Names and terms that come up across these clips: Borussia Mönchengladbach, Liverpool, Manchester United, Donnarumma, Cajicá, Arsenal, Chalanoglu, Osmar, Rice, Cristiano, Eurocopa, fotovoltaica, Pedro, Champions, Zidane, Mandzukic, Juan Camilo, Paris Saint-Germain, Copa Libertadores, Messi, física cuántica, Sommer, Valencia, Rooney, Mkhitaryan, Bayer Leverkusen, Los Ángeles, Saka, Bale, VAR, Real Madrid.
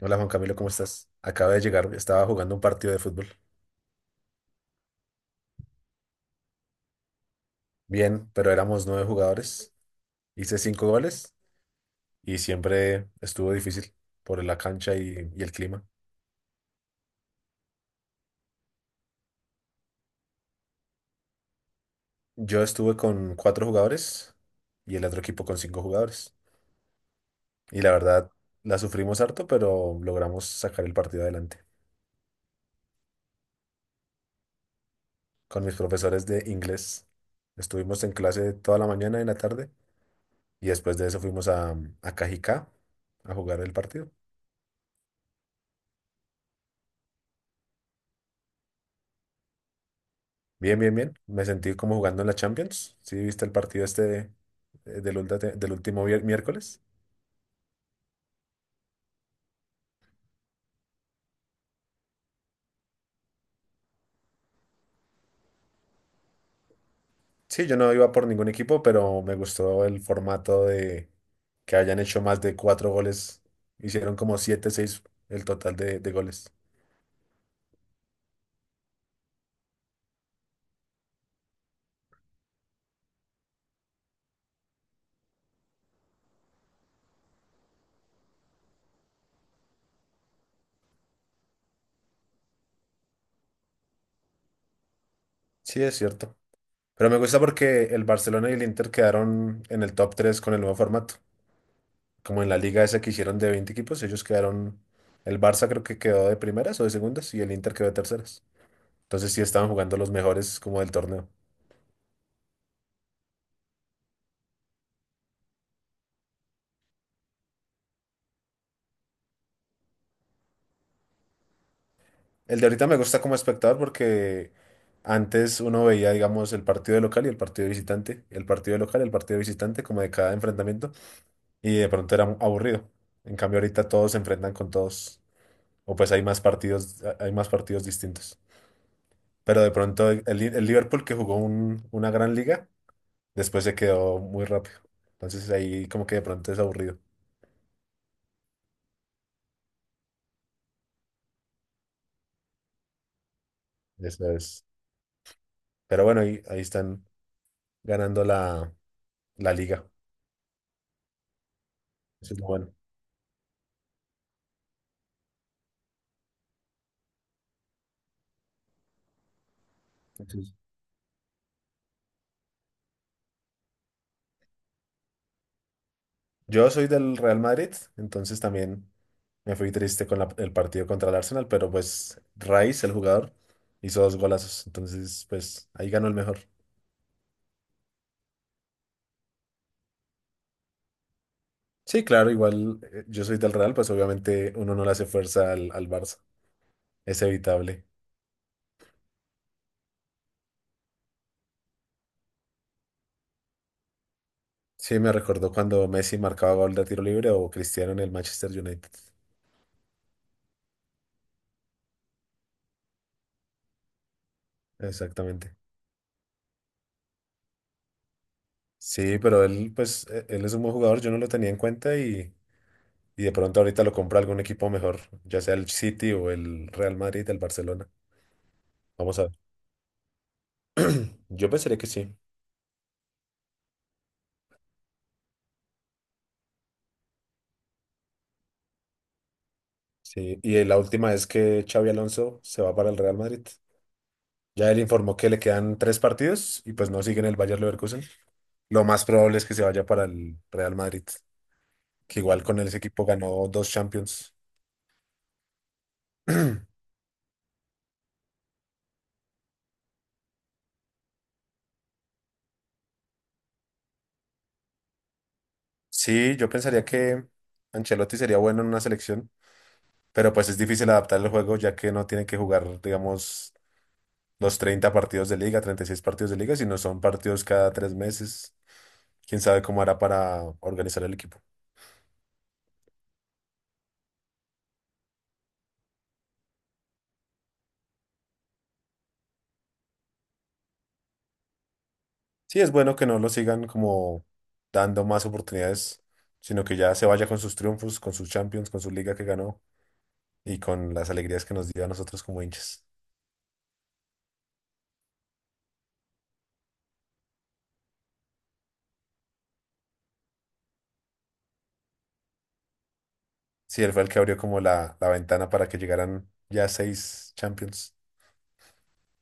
Hola Juan Camilo, ¿cómo estás? Acabo de llegar, estaba jugando un partido de fútbol. Bien, pero éramos nueve jugadores, hice cinco goles y siempre estuvo difícil por la cancha y el clima. Yo estuve con cuatro jugadores y el otro equipo con cinco jugadores. Y la verdad, la sufrimos harto, pero logramos sacar el partido adelante. Con mis profesores de inglés, estuvimos en clase toda la mañana y en la tarde y después de eso fuimos a Cajicá a jugar el partido. Bien, bien, bien. Me sentí como jugando en la Champions. ¿Sí viste el partido este del último miércoles? Sí, yo no iba por ningún equipo, pero me gustó el formato de que hayan hecho más de cuatro goles. Hicieron como siete, seis el total de goles. Sí, es cierto. Pero me gusta porque el Barcelona y el Inter quedaron en el top 3 con el nuevo formato. Como en la liga esa que hicieron de 20 equipos, ellos quedaron, el Barça creo que quedó de primeras o de segundas y el Inter quedó de terceras. Entonces sí estaban jugando los mejores como del torneo. El de ahorita me gusta como espectador porque antes uno veía, digamos, el partido de local y el partido de visitante, el partido de local y el partido de visitante como de cada enfrentamiento y de pronto era aburrido. En cambio ahorita todos se enfrentan con todos o pues hay más partidos distintos. Pero de pronto el Liverpool que jugó una gran liga, después se quedó muy rápido. Entonces ahí como que de pronto es aburrido. Eso es. Pero bueno, ahí están ganando la liga. Eso es lo bueno. Entonces, yo soy del Real Madrid, entonces también me fui triste con el partido contra el Arsenal, pero pues Rice, el jugador, hizo dos golazos, entonces pues ahí ganó el mejor. Sí, claro, igual yo soy del Real, pues obviamente uno no le hace fuerza al Barça, es evitable. Sí, me recordó cuando Messi marcaba gol de tiro libre o Cristiano en el Manchester United. Exactamente. Sí, pero él, pues, él es un buen jugador, yo no lo tenía en cuenta y de pronto ahorita lo compra algún equipo mejor, ya sea el City o el Real Madrid, el Barcelona. Vamos a ver. Yo pensaría que sí. Sí, y la última es que Xavi Alonso se va para el Real Madrid. Ya él informó que le quedan tres partidos y pues no sigue en el Bayer Leverkusen. Lo más probable es que se vaya para el Real Madrid, que igual con él ese equipo ganó dos Champions. Sí, yo pensaría que Ancelotti sería bueno en una selección, pero pues es difícil adaptar el juego ya que no tiene que jugar, digamos, los 30 partidos de liga, 36 partidos de liga, si no son partidos cada 3 meses. Quién sabe cómo hará para organizar el equipo. Sí, es bueno que no lo sigan como dando más oportunidades, sino que ya se vaya con sus triunfos, con sus Champions, con su liga que ganó y con las alegrías que nos dio a nosotros como hinchas. Sí, él fue el que abrió como la ventana para que llegaran ya seis Champions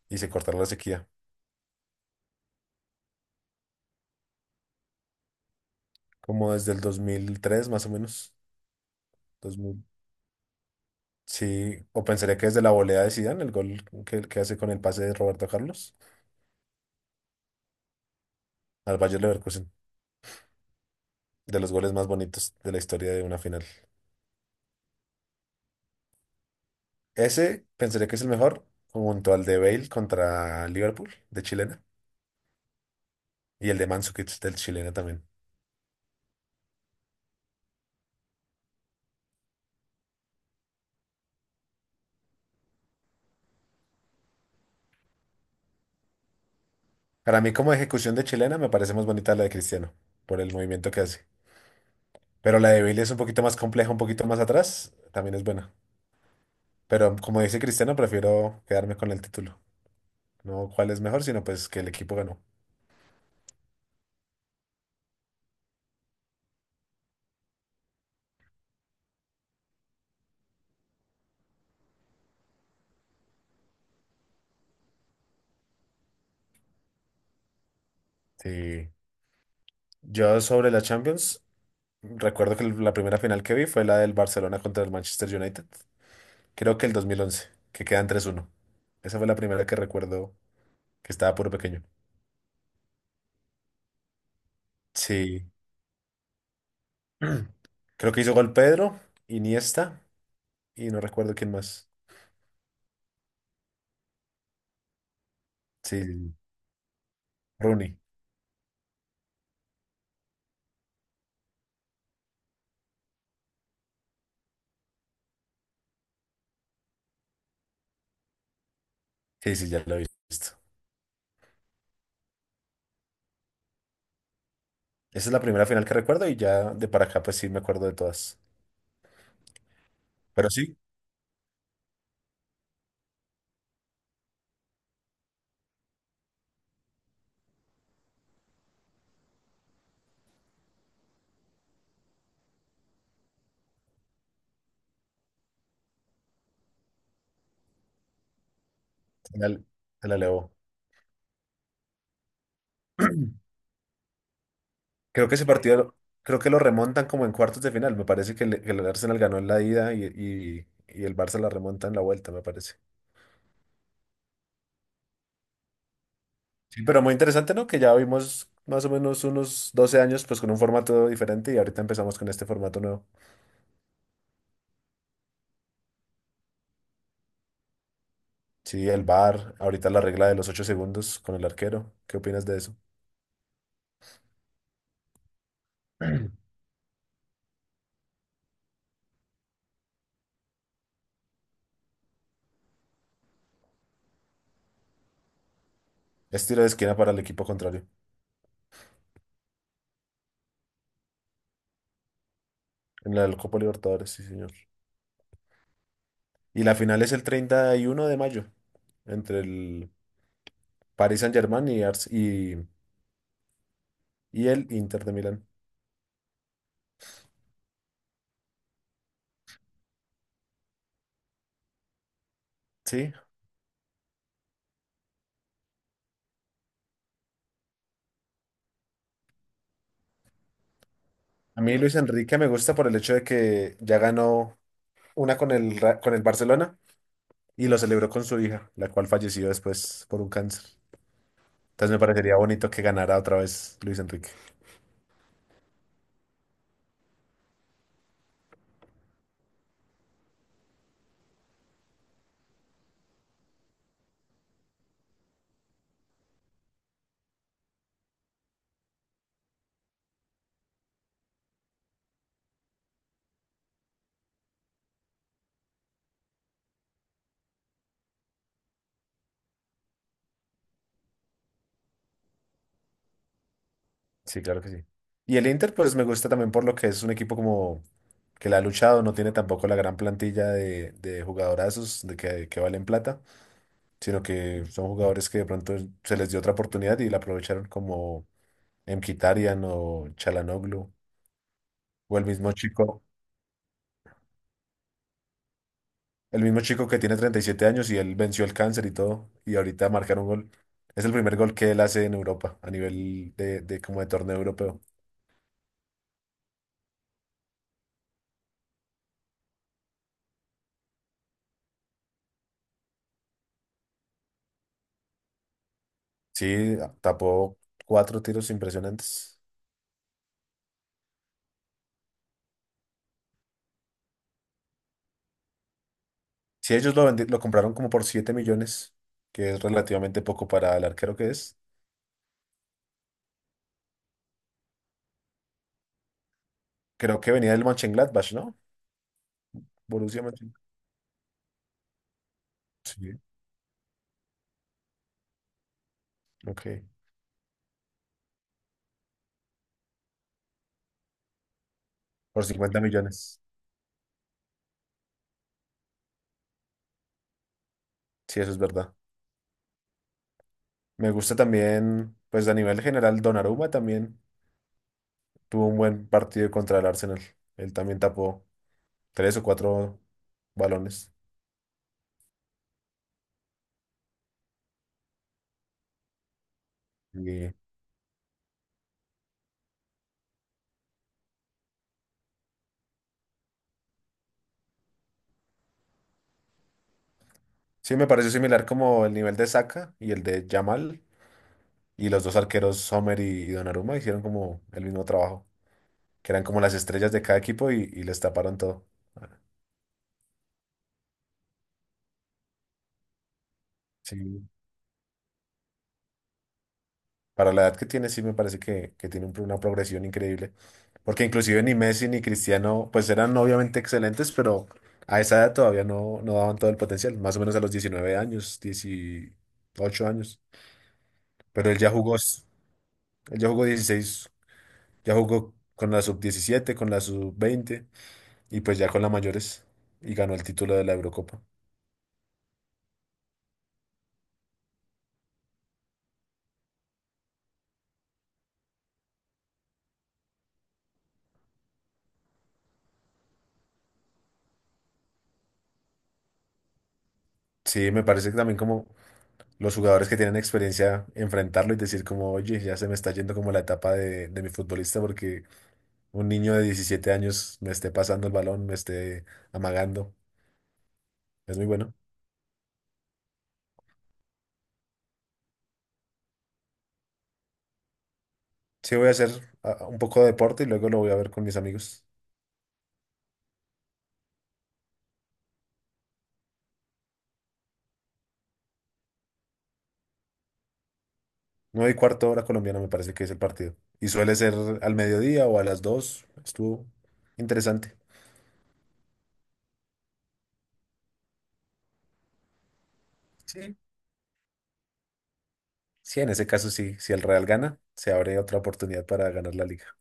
y se cortara la sequía, como desde el 2003 más o menos. Sí, o pensaría que es de la volea de Zidane, el gol que hace con el pase de Roberto Carlos al Bayer Leverkusen, de los goles más bonitos de la historia de una final. Ese pensaría que es el mejor, junto al de Bale contra Liverpool, de chilena, y el de Mandzukic del chilena también. Para mí, como ejecución de chilena, me parece más bonita la de Cristiano, por el movimiento que hace. Pero la de Bale es un poquito más compleja, un poquito más atrás, también es buena. Pero como dice Cristiano, prefiero quedarme con el título. No cuál es mejor, sino pues que el equipo ganó. Sí. Yo sobre la Champions, recuerdo que la primera final que vi fue la del Barcelona contra el Manchester United. Creo que el 2011, que quedan 3-1. Esa fue la primera que recuerdo, que estaba puro pequeño. Sí. Creo que hizo gol Pedro, Iniesta y no recuerdo quién más. Sí, Rooney. Sí, sí, ya lo he visto. Esa es la primera final que recuerdo y ya de para acá pues sí me acuerdo de todas. Pero sí, se la, se la elevó. Creo que ese partido, creo que lo remontan como en cuartos de final. Me parece que el Arsenal ganó en la ida y el Barça la remonta en la vuelta, me parece. Sí, pero muy interesante, ¿no? Que ya vimos más o menos unos 12 años, pues con un formato diferente y ahorita empezamos con este formato nuevo. Sí, el VAR, ahorita la regla de los 8 segundos con el arquero. ¿Qué opinas de eso? Es tiro de esquina para el equipo contrario en la Copa Libertadores, sí, señor. Y la final es el 31 de mayo entre el Paris Saint-Germain y el Inter de Milán. Sí, a mí Luis Enrique me gusta por el hecho de que ya ganó una con el Barcelona y lo celebró con su hija, la cual falleció después por un cáncer. Entonces me parecería bonito que ganara otra vez Luis Enrique. Sí, claro que sí. Y el Inter, pues me gusta también por lo que es un equipo como que la ha luchado, no tiene tampoco la gran plantilla de jugadorazos de que valen plata, sino que son jugadores que de pronto se les dio otra oportunidad y la aprovecharon como Mkhitaryan o Chalanoglu o el mismo chico. El mismo chico que tiene 37 años y él venció el cáncer y todo, y ahorita marcar un gol. Es el primer gol que él hace en Europa, a nivel de como de torneo europeo. Sí, tapó cuatro tiros impresionantes. Si ellos lo compraron como por 7 millones, que es relativamente poco para el arquero que es. Creo que venía del Mönchengladbach, ¿no? Borussia Mönchengladbach. Sí, ok. Por 50 millones. Sí, eso es verdad. Me gusta también, pues a nivel general, Donnarumma también. Tuvo un buen partido contra el Arsenal. Él también tapó tres o cuatro balones. Y sí, me pareció similar como el nivel de Saka y el de Yamal. Y los dos arqueros, Sommer y Donnarumma, hicieron como el mismo trabajo. Que eran como las estrellas de cada equipo y les taparon todo. Ah. Sí. Para la edad que tiene, sí me parece que tiene un una progresión increíble. Porque inclusive ni Messi ni Cristiano, pues eran obviamente excelentes, pero a esa edad todavía no daban todo el potencial. Más o menos a los 19 años, 18 años. Pero él ya jugó 16, ya jugó con la sub 17, con la sub 20 y pues ya con las mayores y ganó el título de la Eurocopa. Sí, me parece que también como los jugadores que tienen experiencia enfrentarlo y decir como, oye, ya se me está yendo como la etapa de mi futbolista porque un niño de 17 años me esté pasando el balón, me esté amagando. Es muy bueno. Sí, voy a hacer un poco de deporte y luego lo voy a ver con mis amigos. 9:15 hora colombiana me parece que es el partido. Y suele ser al mediodía o a las dos. Estuvo interesante. Sí. Sí, en ese caso sí. Si el Real gana, se abre otra oportunidad para ganar la liga.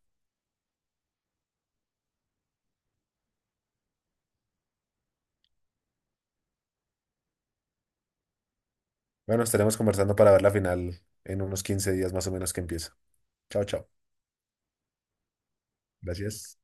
Bueno, estaremos conversando para ver la final en unos 15 días más o menos que empieza. Chao, chao. Gracias.